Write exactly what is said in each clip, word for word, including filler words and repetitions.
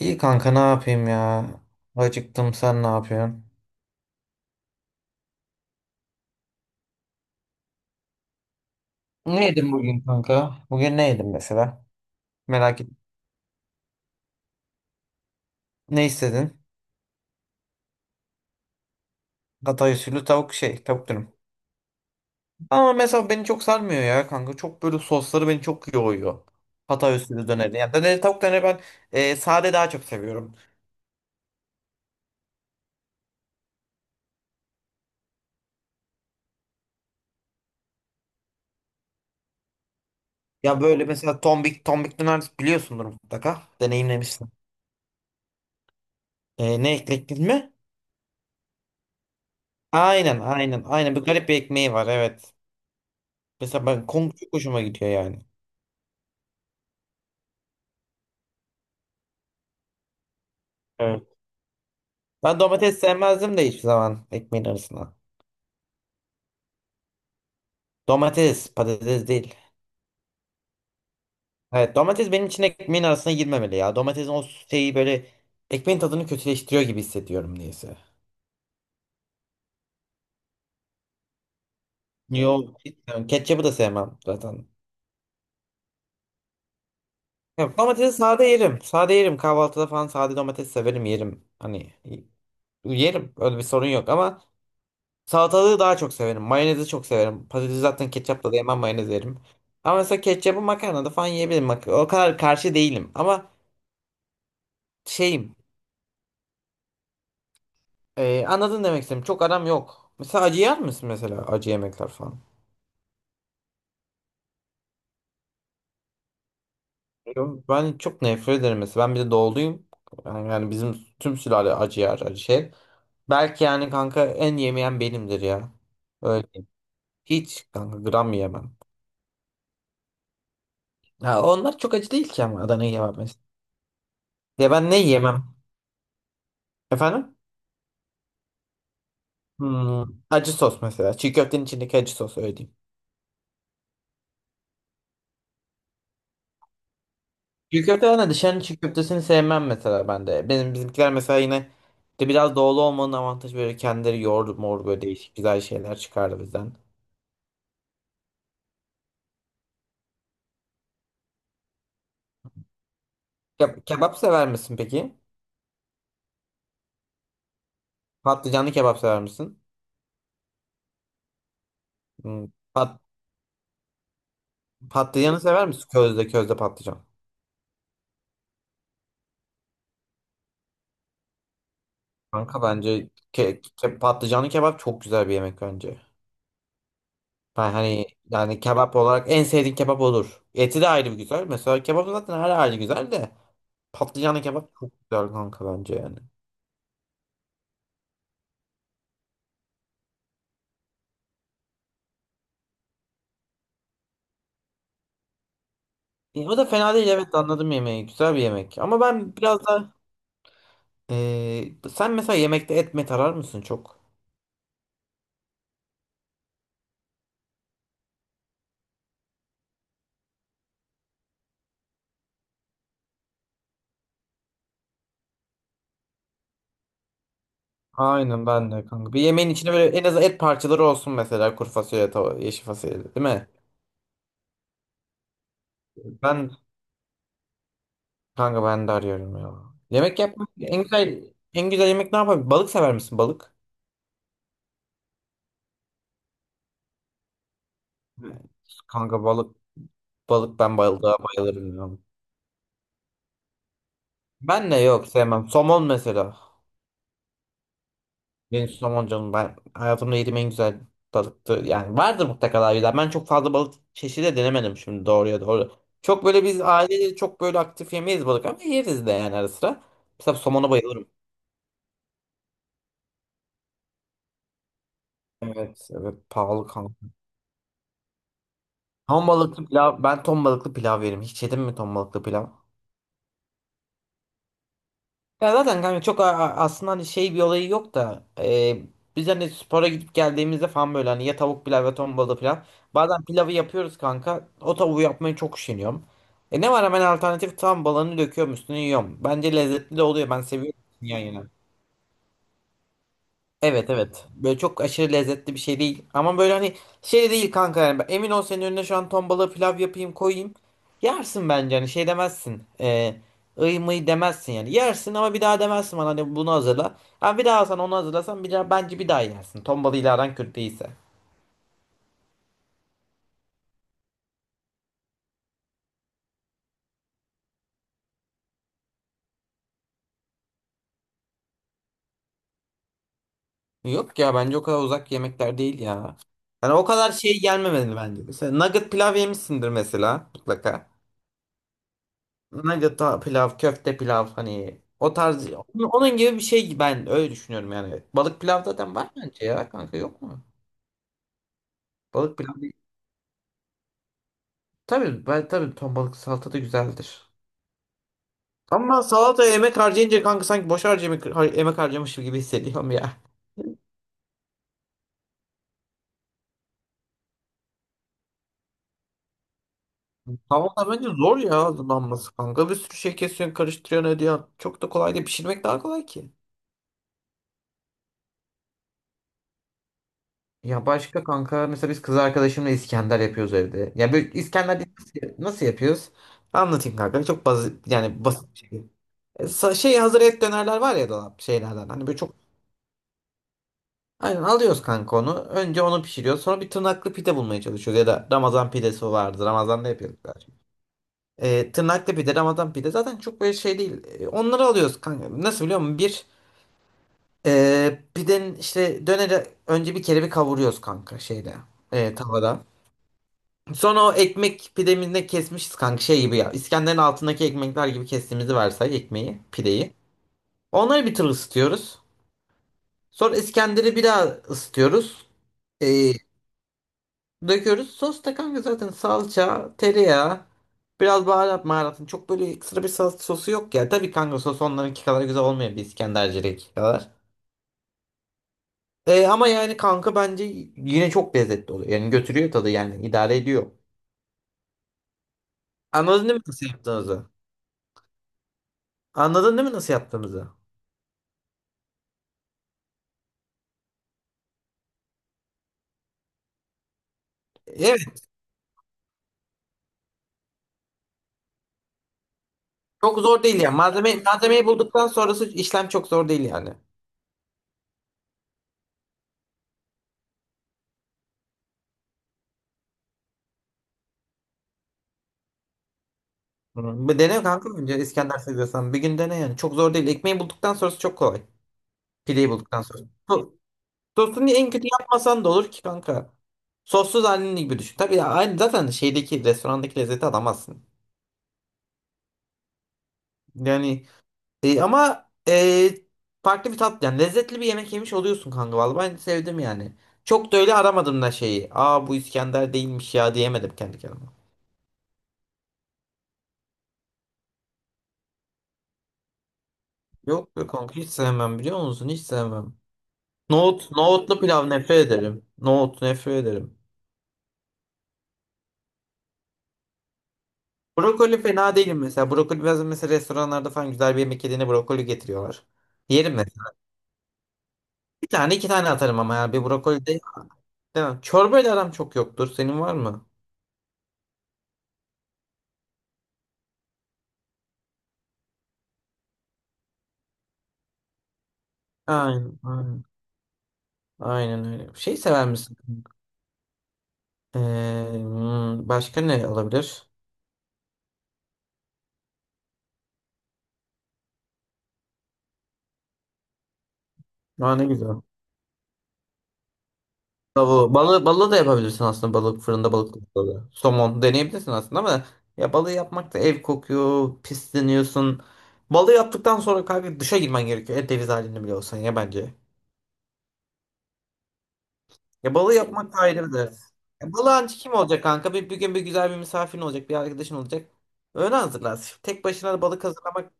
İyi kanka ne yapayım ya? Acıktım, sen ne yapıyorsun? Ne yedin bugün kanka? Bugün ne yedin mesela? Merak et. Ne istedin? Hatay usulü tavuk şey, tavuk dürüm. Ama mesela beni çok sarmıyor ya kanka. Çok böyle sosları beni çok yoğuyor. Hatay usulü döneri. Yani döneri tavuk döneri ben e, sade daha çok seviyorum. Ya böyle mesela tombik tombik döner biliyorsundur mutlaka. Deneyimlemişsin. E, ne ekledin mi? Aynen, aynen, aynen. Bir garip bir ekmeği var, evet. Mesela ben kong çok hoşuma gidiyor yani. Evet. Ben domates sevmezdim de hiçbir zaman ekmeğin arasına. Domates, patates değil. Evet, domates benim için ekmeğin arasına girmemeli ya. Domatesin o şeyi böyle ekmeğin tadını kötüleştiriyor gibi hissediyorum niyeyse. Yo, hiç sevmem. Ketçabı da sevmem zaten. Yok, domatesi sade yerim. Sade yerim. Kahvaltıda falan sade domates severim, yerim. Hani yerim. Öyle bir sorun yok ama salatalığı daha çok severim. Mayonezi çok severim. Patatesi zaten ketçapla da yemem, mayonez yerim. Ama mesela ketçabı makarnada falan yiyebilirim. Mak- O kadar karşı değilim. Ama şeyim. Ee, anladın demek istedim. Çok aram yok. Mesela acı yer misin, mesela acı yemekler falan? Yok, ben çok nefret ederim mesela. Ben bir de doğuluyum. Yani, yani bizim tüm sülale acı yer, acı şey. Belki yani kanka en yemeyen benimdir ya. Öyle diyeyim. Hiç kanka gram yemem. Ha, onlar çok acı değil ki ama Adana yemem mesela. Ya ben ne yemem? Efendim? Hmm, acı sos mesela. Çiğ köftenin içindeki acı sos, öyle diyeyim. Çiğ köfte de dışarının çiğ köftesini sevmem mesela ben de. Benim bizimkiler mesela yine de biraz doğulu olmanın avantajı, böyle kendileri yoğurdu mor böyle değişik güzel şeyler çıkardı bizden. Ke- kebap sever misin peki? Patlıcanlı kebap sever misin? Hmm. Pat patlıcanı sever misin? Közde közde patlıcan. Kanka bence ke ke- patlıcanlı kebap çok güzel bir yemek bence. Ben hani yani kebap olarak en sevdiğin kebap olur. Eti de ayrı bir güzel. Mesela kebap zaten her ayrı güzel de patlıcanlı kebap çok güzel kanka bence yani. E, o da fena değil, evet, anladım yemeği. Güzel bir yemek. Ama ben biraz da e, sen mesela yemekte et mi tarar mısın çok? Aynen ben de kanka. Bir yemeğin içine böyle en az et parçaları olsun mesela, kuru fasulye, tava, yeşil fasulye, değil mi? Ben kanka ben de arıyorum ya. Yemek yapmak en güzel en güzel yemek ne yapabilir? Balık sever misin, balık? Evet. Kanka balık balık ben balığa bayılırım ya. Ben de yok, sevmem. Somon mesela. Benim somon canım, ben hayatımda yediğim en güzel balıktı. Yani vardır mutlaka daha güzel. Ben çok fazla balık çeşidi de denemedim şimdi, doğruya doğru. Çok böyle biz aileyle çok böyle aktif yemeyiz balık, ama yeriz de yani ara sıra. Mesela somona bayılırım. Evet, evet, pahalı kanka. Ton balıklı pilav, ben ton balıklı pilav yerim. Hiç yedin mi ton balıklı pilav? Ya zaten kanka çok a- a- aslında hani şey bir olayı yok da e, biz hani spora gidip geldiğimizde falan böyle hani ya tavuk pilav ya ton balığı pilav. Bazen pilavı yapıyoruz kanka. O tavuğu yapmayı çok üşeniyorum. E ne var, hemen alternatif tam balığını döküyorum üstüne yiyorum. Bence lezzetli de oluyor. Ben seviyorum yan yana. Evet, evet. Böyle çok aşırı lezzetli bir şey değil. Ama böyle hani şey değil kanka yani. Emin ol, senin önüne şu an ton balığı pilav yapayım koyayım. Yersin bence, hani şey demezsin. Ee, ıy mıy demezsin yani. Yersin ama bir daha demezsin bana hani bunu hazırla. Ha, bir daha sen onu hazırlasan bir daha, bence bir daha yersin. Ton balığıyla aran kötü değilse. Yok ya, bence o kadar uzak yemekler değil ya. Yani o kadar şey gelmemeli bence. Mesela nugget pilav yemişsindir mesela, mutlaka. Nugget pilav, köfte pilav, hani o tarz, onun onun gibi bir şey, ben öyle düşünüyorum yani. Balık pilav zaten var bence ya kanka, yok mu? Balık pilav değil. Tabii, ben tabii ton balık salata da güzeldir. Ama salataya emek harcayınca kanka sanki boş harcamak, har- emek harcamışım gibi hissediyorum ya. Salata bence zor ya hazırlanması kanka. Bir sürü şey kesiyorsun, karıştırıyorsun, ediyorsun. Çok da kolay değil. Pişirmek daha kolay ki. Ya başka kanka, mesela biz kız arkadaşımla İskender yapıyoruz evde. Ya böyle İskender biz nasıl, nasıl yapıyoruz? Anlatayım kanka. Çok basit yani, basit bir şey. E, sa- Şey hazır et dönerler var ya dolap şeylerden. Hani böyle çok aynen alıyoruz kanka onu. Önce onu pişiriyoruz. Sonra bir tırnaklı pide bulmaya çalışıyoruz. Ya da Ramazan pidesi vardı. Ramazan'da yapıyorduk zaten. E, tırnaklı pide, Ramazan pide zaten çok böyle şey değil. E, onları alıyoruz kanka. Nasıl biliyor musun? Bir e, pidenin işte döneri önce bir kere bir kavuruyoruz kanka şeyde. E, tavada. Sonra o ekmek pideminde kesmişiz kanka şey gibi ya. İskender'in altındaki ekmekler gibi kestiğimizi varsay, ekmeği, pideyi. Onları bir tur ısıtıyoruz. Sonra İskender'i bir daha ısıtıyoruz. Ee, Döküyoruz. Sos da kanka zaten salça, tereyağı, biraz baharat maharatın. Çok böyle ekstra bir sos, sosu yok ya. Tabii kanka sos onlarınki kadar güzel olmuyor, bir İskenderci'deki kadar. Ee, ama yani kanka bence yine çok lezzetli oluyor. Yani götürüyor tadı, yani idare ediyor. Anladın değil mi nasıl yaptığımızı? Anladın değil mi nasıl yaptığımızı? Evet. Çok zor değil yani. Malzeme, malzemeyi bulduktan sonrası işlem çok zor değil yani. Hı. Bir dene kanka, önce İskender seviyorsan. Bir gün dene yani. Çok zor değil. Ekmeği bulduktan sonrası çok kolay. Pideyi bulduktan sonra. So- Sosunu en kötü yapmasan da olur ki kanka. Sossuz halini gibi düşün. Tabii ya, aynı zaten şeydeki restorandaki lezzeti alamazsın. Yani e, ama e, farklı bir tat yani, lezzetli bir yemek yemiş oluyorsun kanka, vallahi ben sevdim yani. Çok da öyle aramadım da şeyi. Aa, bu İskender değilmiş ya diyemedim kendi kendime. Yok be kanka, hiç sevmem, biliyor musun? Hiç sevmem. Nohut, nohutlu pilav nefret ederim. Nohut nefret ederim. Brokoli fena değilim mesela. Brokoli bazen mesela, restoranlarda falan güzel bir yemek yediğinde brokoli getiriyorlar. Yerim mesela. Bir tane iki tane atarım, ama ya bir brokoli de. Demem. Çorbayla aram çok yoktur. Senin var mı? Aynen, aynen. Aynen öyle. Şey sever misin? Ee, hmm, Başka ne olabilir? Aa, ne güzel. Bravo. Balı, balı da yapabilirsin aslında, balık fırında, balık balığı. Somon deneyebilirsin aslında, ama ya balığı yapmak da ev kokuyor, pisleniyorsun. Balığı yaptıktan sonra kanka duşa girmen gerekiyor. Et deniz halinde bile olsan ya, bence. Ya balığı yapmak da ayrı bir ders. Ya balığı ancak kim olacak kanka? Bir, bir gün bir güzel bir misafirin olacak, bir arkadaşın olacak. Öyle hazırlarsın. Tek başına da balık hazırlamak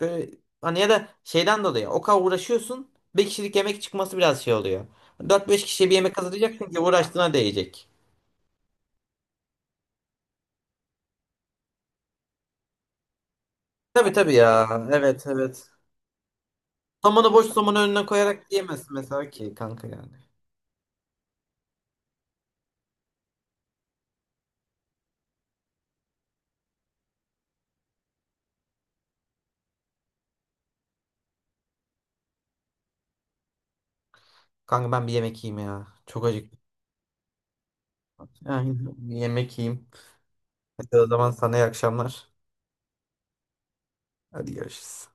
böyle hani, ya da şeyden dolayı o kadar uğraşıyorsun. Bir kişilik yemek çıkması biraz şey oluyor. Dört beş kişiye bir yemek hazırlayacaksın ki uğraştığına değecek. Tabii, tabii ya. Evet, evet. Somonu boş, somonu önüne koyarak yiyemezsin mesela ki kanka yani. Kanka ben bir yemek yiyeyim ya. Çok acıktım. Yani bir yemek yiyeyim. Hadi o zaman sana iyi akşamlar. Hadi görüşürüz.